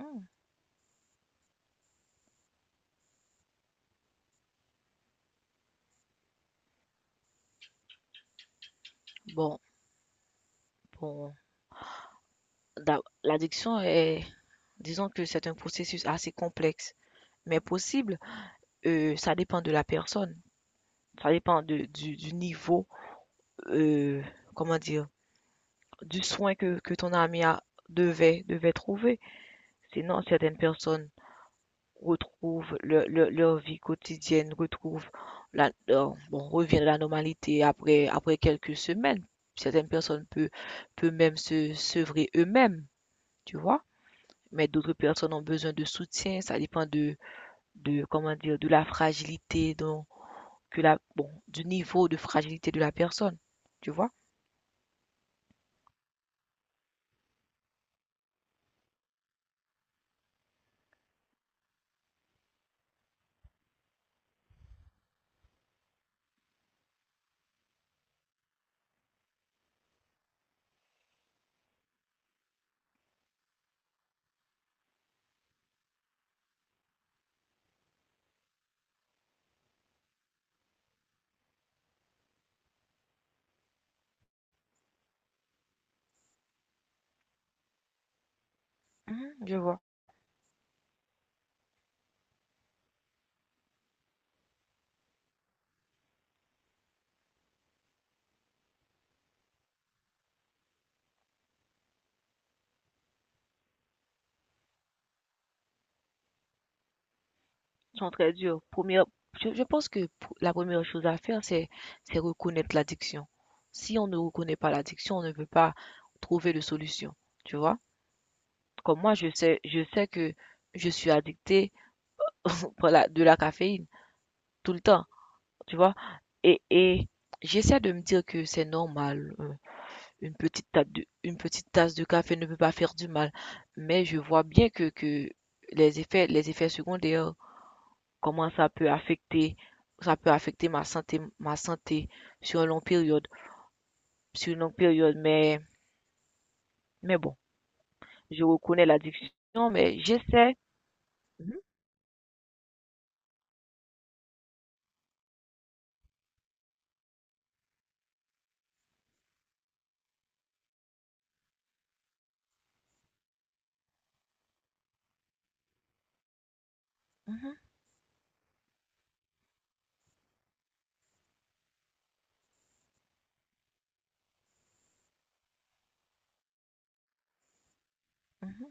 Hmm. Bon, bon, l'addiction est, disons que c'est un processus assez complexe, mais possible. Ça dépend de la personne, ça dépend du du niveau, euh, comment dire, du soin que ton ami a, devait trouver. Sinon, certaines personnes retrouvent leur vie quotidienne, retrouvent bon, reviennent à la normalité après quelques semaines. Certaines personnes peuvent, peuvent même se sevrer eux-mêmes, tu vois. Mais d'autres personnes ont besoin de soutien. Ça dépend de comment dire, de la fragilité, donc, que bon, du niveau de fragilité de la personne. Tu vois? Mhm, je vois. Ils sont très durs. Première, je pense que pour- la première chose à faire, c'est reconnaître l'addiction. Si on ne reconnaît pas l'addiction, on ne peut pas trouver de solution. Tu vois? Comme moi, je sais que je suis addictée par la- de la caféine tout le temps. Tu vois? Et j'essaie de me dire que c'est normal. Une petite tasse de une petite tasse de café ne peut pas faire du mal, mais je vois bien que les effets secondaires, comment ça peut affecter ma santé sur une longue période sur une longue période, mais bon, je reconnais l'addiction, mais j'essaie. Mhm, mhm, mhm.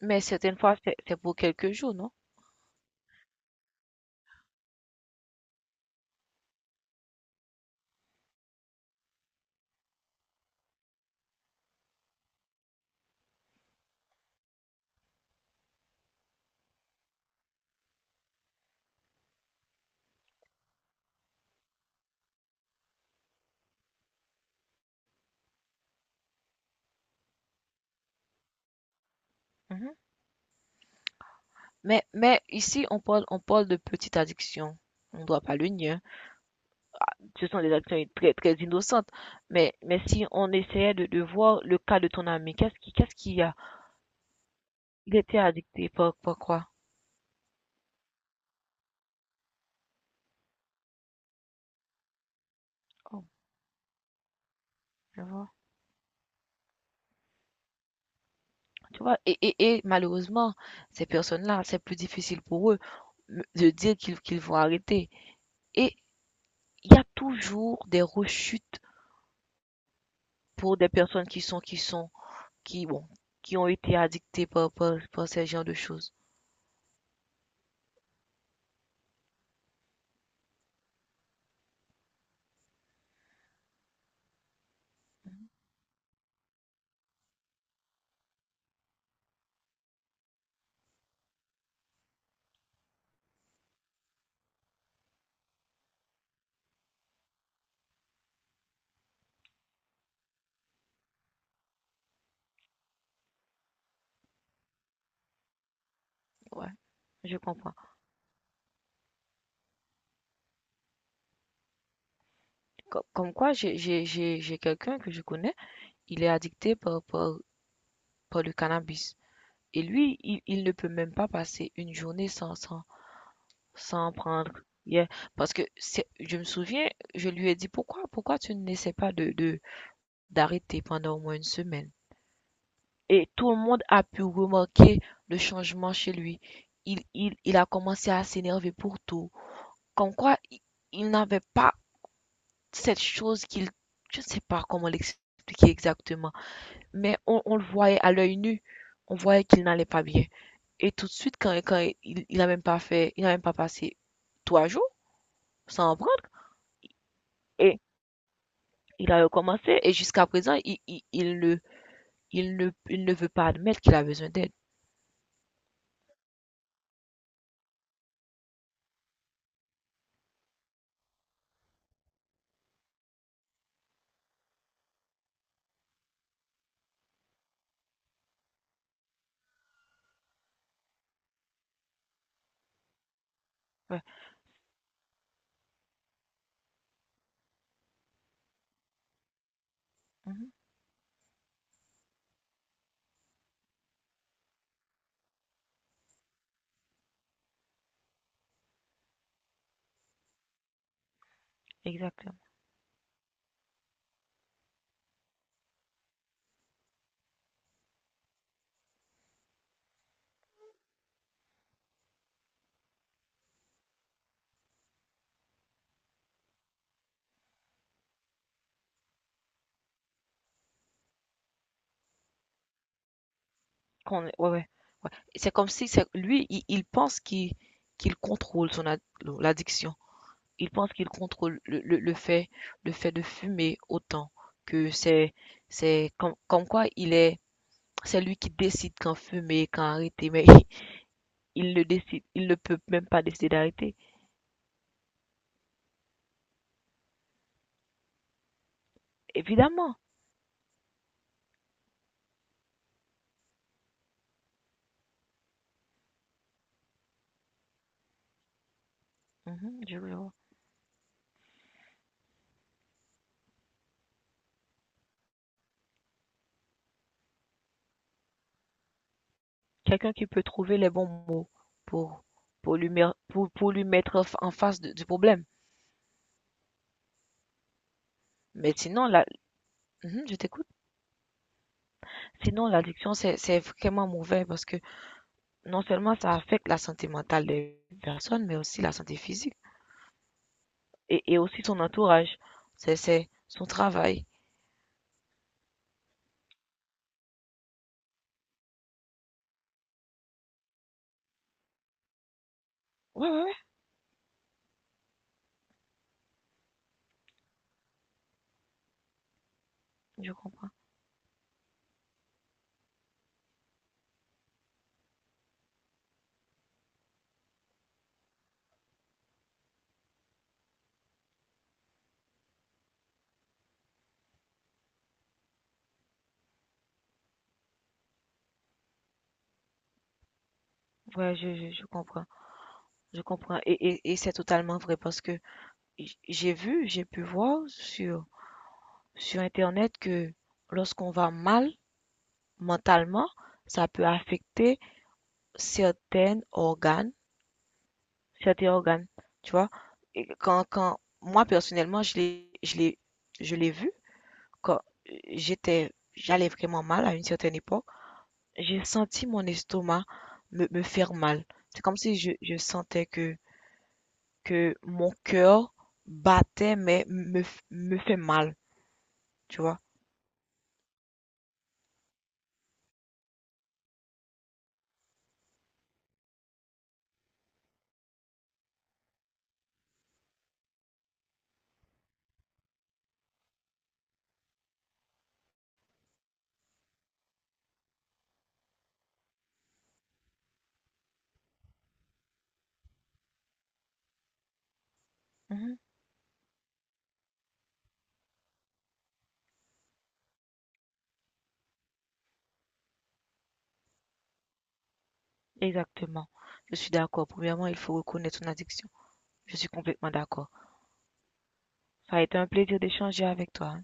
Mais certaines fois, c'est pour quelques jours, non? Mhm. Mais ici, on parle de petite addiction. On ne doit pas le nier. Ce sont des actions très, très innocentes. Mais si on essayait de voir le cas de ton ami, qu'est-ce qu'il y a? Il était addicté par, par quoi? Oh, je vois. Tu vois, et malheureusement, ces personnes-là, c'est plus difficile pour eux de dire qu'ils vont arrêter. Et il y a toujours des rechutes pour des personnes qui, bon, qui ont été addictées par, par, par ces genres de choses. Ouais, je comprends. Quoi, j'ai quelqu'un que je connais, il est addicté par, par le cannabis. Et lui, il ne peut même pas passer une journée sans en prendre. Yeah. Parce que c'est- je me souviens, je lui ai dit pourquoi tu n'essaies pas d'arrêter pendant au moins une semaine. Et tout le monde a pu remarquer le changement chez lui. Il a commencé à s'énerver pour tout. Comme quoi, il n'avait pas cette chose qu'il, je ne sais pas comment l'expliquer exactement, mais on le voyait à l'œil nu, on voyait qu'il n'allait pas bien. Et tout de suite, quand il a même pas fait, il a même pas passé trois jours sans en prendre. Et il a recommencé. Et jusqu'à présent, il ne veut pas admettre qu'il a besoin d'aide. Ouais. Mhm. Exactement. Qu'on- ouais, ouais, ouais. C'est comme si c'est, lui, il pense qu'il, qu'il contrôle son ad- l'addiction. Il pense qu'il contrôle le fait de fumer autant que c'est, c'est comme, comme quoi il est, c'est lui qui décide quand fumer, quand arrêter, mais il le décide, il ne peut même pas décider d'arrêter. Évidemment. Mhm, je le vois. Quelqu'un qui peut trouver les bons mots pour, pour lui mettre en fa- en face de- du problème. Mais sinon, la, mhm, je t'écoute. Sinon, l'addiction, c'est vraiment mauvais parce que non seulement ça affecte la santé mentale des personnes, mais aussi la santé physique et aussi son entourage. C'est son travail. Ouais, ouais, ouais, je comprends. Ouais, je comprends. Je comprends. Et c'est totalement vrai parce que j- j'ai vu, j'ai pu voir sur Internet que lorsqu'on va mal mentalement, ça peut affecter certains organes, certains organes, tu vois. Et quand moi personnellement, je l'ai vu quand j'étais, j'allais vraiment mal à une certaine époque, j'ai senti mon estomac me faire mal. C'est comme si je sentais que mon cœur battait, me fait mal, tu vois. Mhm. Exactement. Je suis d'accord. Premièrement, il faut reconnaître son addiction. Je suis complètement d'accord. Ça a été un plaisir d'échanger avec toi.